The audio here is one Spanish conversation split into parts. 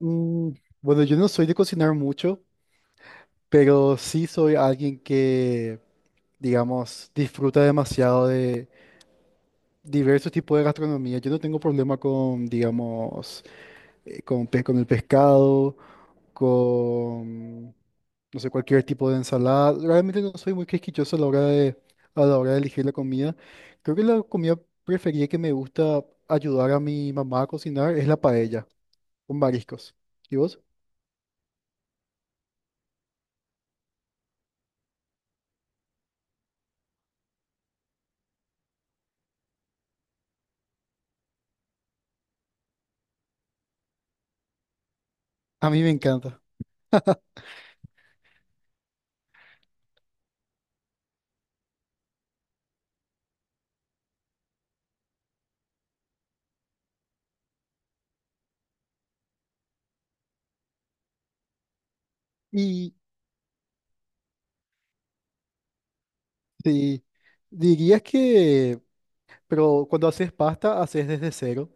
Mm, bueno, yo no soy de cocinar mucho, pero sí soy alguien que, digamos, disfruta demasiado de diversos tipos de gastronomía. Yo no tengo problema con, digamos, con el pescado, con, no sé, cualquier tipo de ensalada. Realmente no soy muy quisquilloso a la hora de elegir la comida. Creo que la comida preferida que me gusta ayudar a mi mamá a cocinar es la paella con mariscos. ¿Y vos? A mí me encanta. Y Sí, dirías que, pero cuando haces pasta, haces desde cero.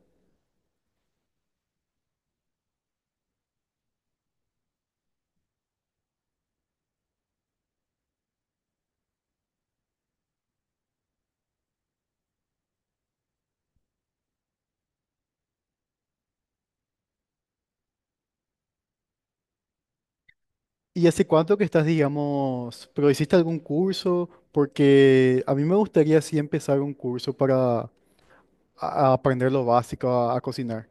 ¿Y hace cuánto que estás, digamos, pero hiciste algún curso? Porque a mí me gustaría sí empezar un curso para a aprender lo básico a cocinar.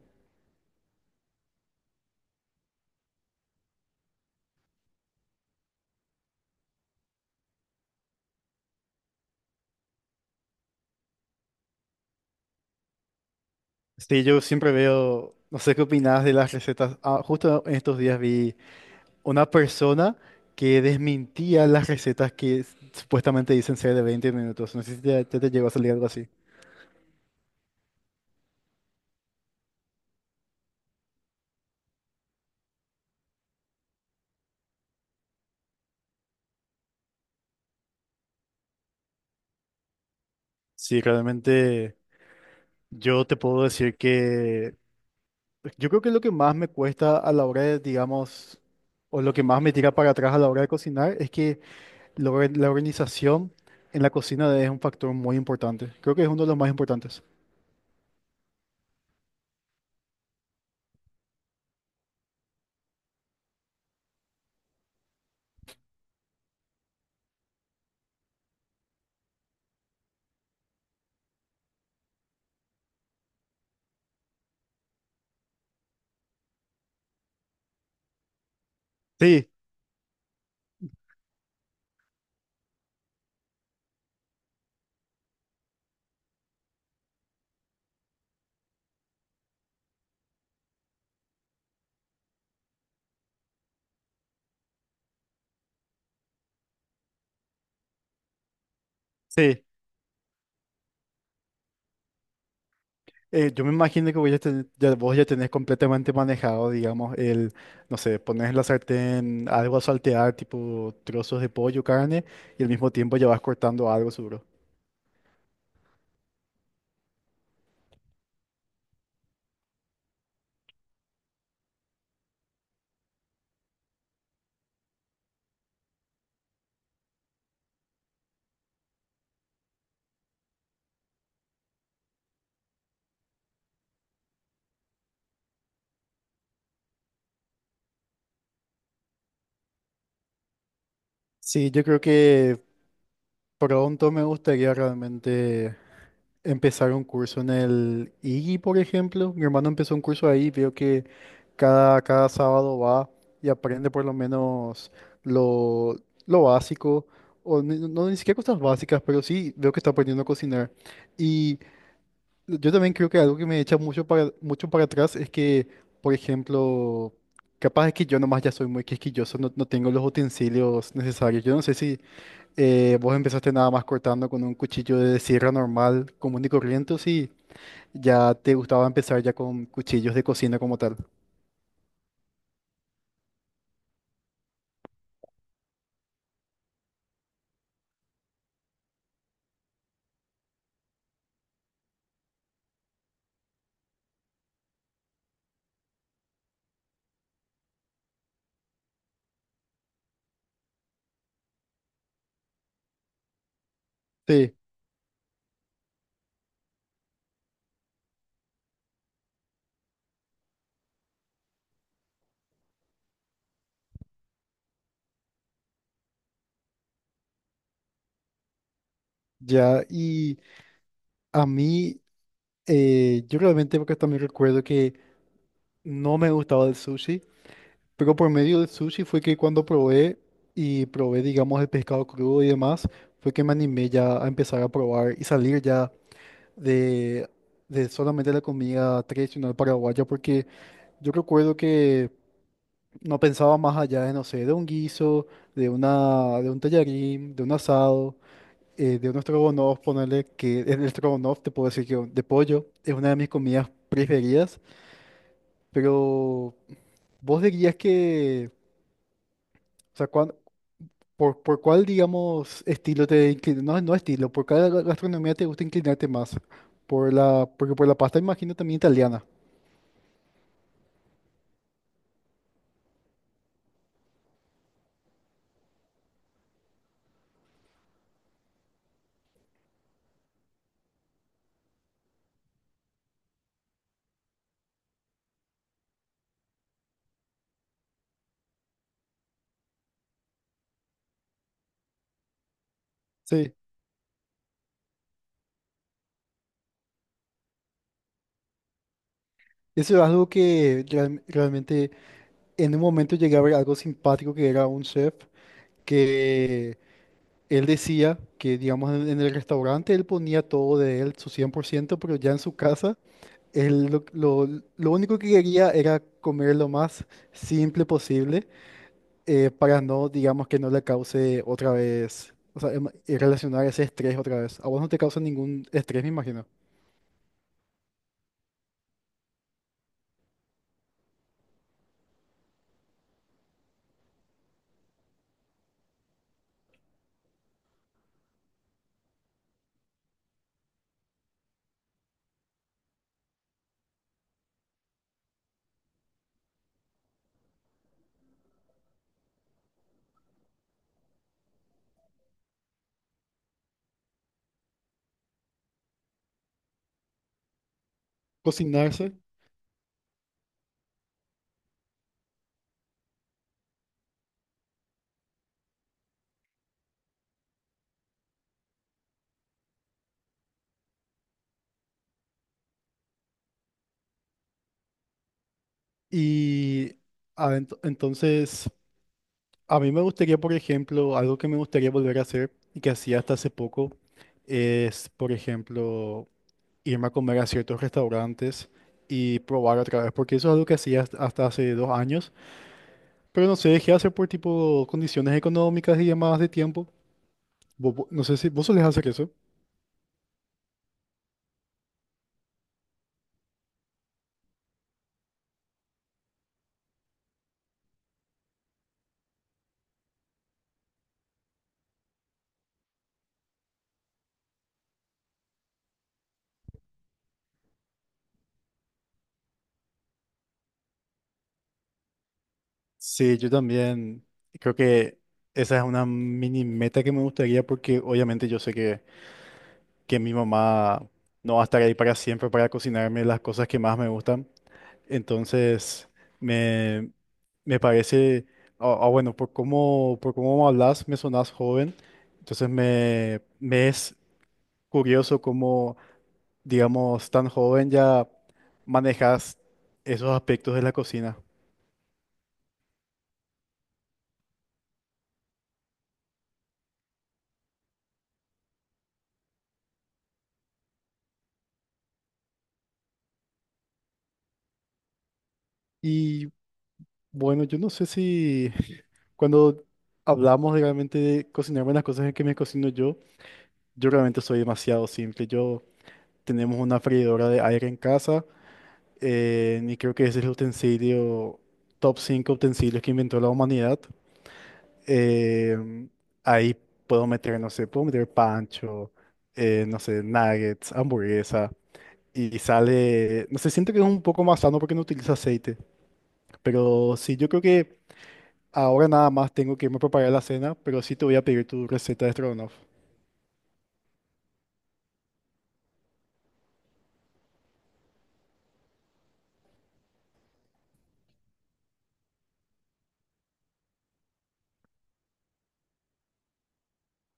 Sí, yo siempre veo, no sé qué opinas de las recetas. Ah, justo en estos días vi una persona que desmentía las recetas que supuestamente dicen ser de 20 minutos. No sé si ya te llegó a salir algo así. Sí, realmente. Yo te puedo decir que yo creo que lo que más me cuesta a la hora de, digamos, o lo que más me tira para atrás a la hora de cocinar es que la organización en la cocina es un factor muy importante. Creo que es uno de los más importantes. Sí, sí. Yo me imagino que vos ya tenés completamente manejado, digamos, el, no sé, pones en la sartén algo a saltear, tipo trozos de pollo, carne, y al mismo tiempo ya vas cortando algo seguro. Sí, yo creo que pronto me gustaría realmente empezar un curso en el IGI, por ejemplo. Mi hermano empezó un curso ahí, veo que cada sábado va y aprende por lo menos lo, lo básico, o no, ni siquiera cosas básicas, pero sí veo que está aprendiendo a cocinar. Yo también creo que algo que me echa mucho para atrás es que, por ejemplo, capaz es que yo nomás ya soy muy quisquilloso, no tengo los utensilios necesarios. Yo no sé si vos empezaste nada más cortando con un cuchillo de sierra normal, común y corriente, o si ya te gustaba empezar ya con cuchillos de cocina como tal. Sí, ya. Y a mí, yo realmente porque también recuerdo que no me gustaba el sushi. Pero por medio del sushi fue que cuando probé y probé, digamos, el pescado crudo y demás, fue que me animé ya a empezar a probar y salir ya de, de, solamente la comida tradicional paraguaya, porque yo recuerdo que no pensaba más allá de, no sé, de un guiso, de un tallarín, de un asado, de un estrogonoff, ponerle que el estrogonoff, te puedo decir que de pollo es una de mis comidas preferidas, pero vos dirías que... O sea, ¿Por cuál, digamos, estilo te inclinas? No, no estilo, ¿por cuál gastronomía te gusta inclinarte más? Porque por la pasta imagino también italiana. Sí. Eso es algo que realmente en un momento llegué a ver algo simpático que era un chef que él decía que, digamos, en el restaurante él ponía todo de él, su 100%, pero ya en su casa él lo, lo único que quería era comer lo más simple posible, para no, digamos, que no le cause otra vez, o sea, relacionar ese estrés otra vez. A vos no te causa ningún estrés, me imagino. Cocinarse. Y entonces, a mí me gustaría, por ejemplo, algo que me gustaría volver a hacer y que hacía hasta hace poco, es, por ejemplo, irme a comer a ciertos restaurantes y probar otra vez, porque eso es algo que hacía hasta hace 2 años, pero no sé, dejé de hacer por tipo condiciones económicas y demás de tiempo. No sé si vos solés hacer eso. Sí, yo también creo que esa es una mini meta que me gustaría porque obviamente yo sé que, mi mamá no va a estar ahí para siempre para cocinarme las cosas que más me gustan. Entonces, me, me parece, bueno, por cómo hablas, me sonás joven. Entonces, me es curioso cómo, digamos, tan joven ya manejas esos aspectos de la cocina. Y Bueno, yo no sé si cuando hablamos de realmente de cocinar buenas cosas que me cocino yo realmente soy demasiado simple. Yo tenemos una freidora de aire en casa, y creo que ese es el utensilio, top 5 utensilios que inventó la humanidad. Em, ahí puedo meter, no sé, puedo meter pancho, no sé, nuggets, hamburguesa, y sale, no sé, siento que es un poco más sano porque no utiliza aceite, pero sí, yo creo que... Ahora nada más tengo que irme a preparar la cena, pero sí te voy a pedir tu receta de Strogonoff.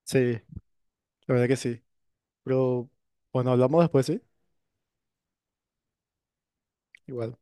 Sí, la verdad que sí. Pero bueno, hablamos después, ¿sí? Igual.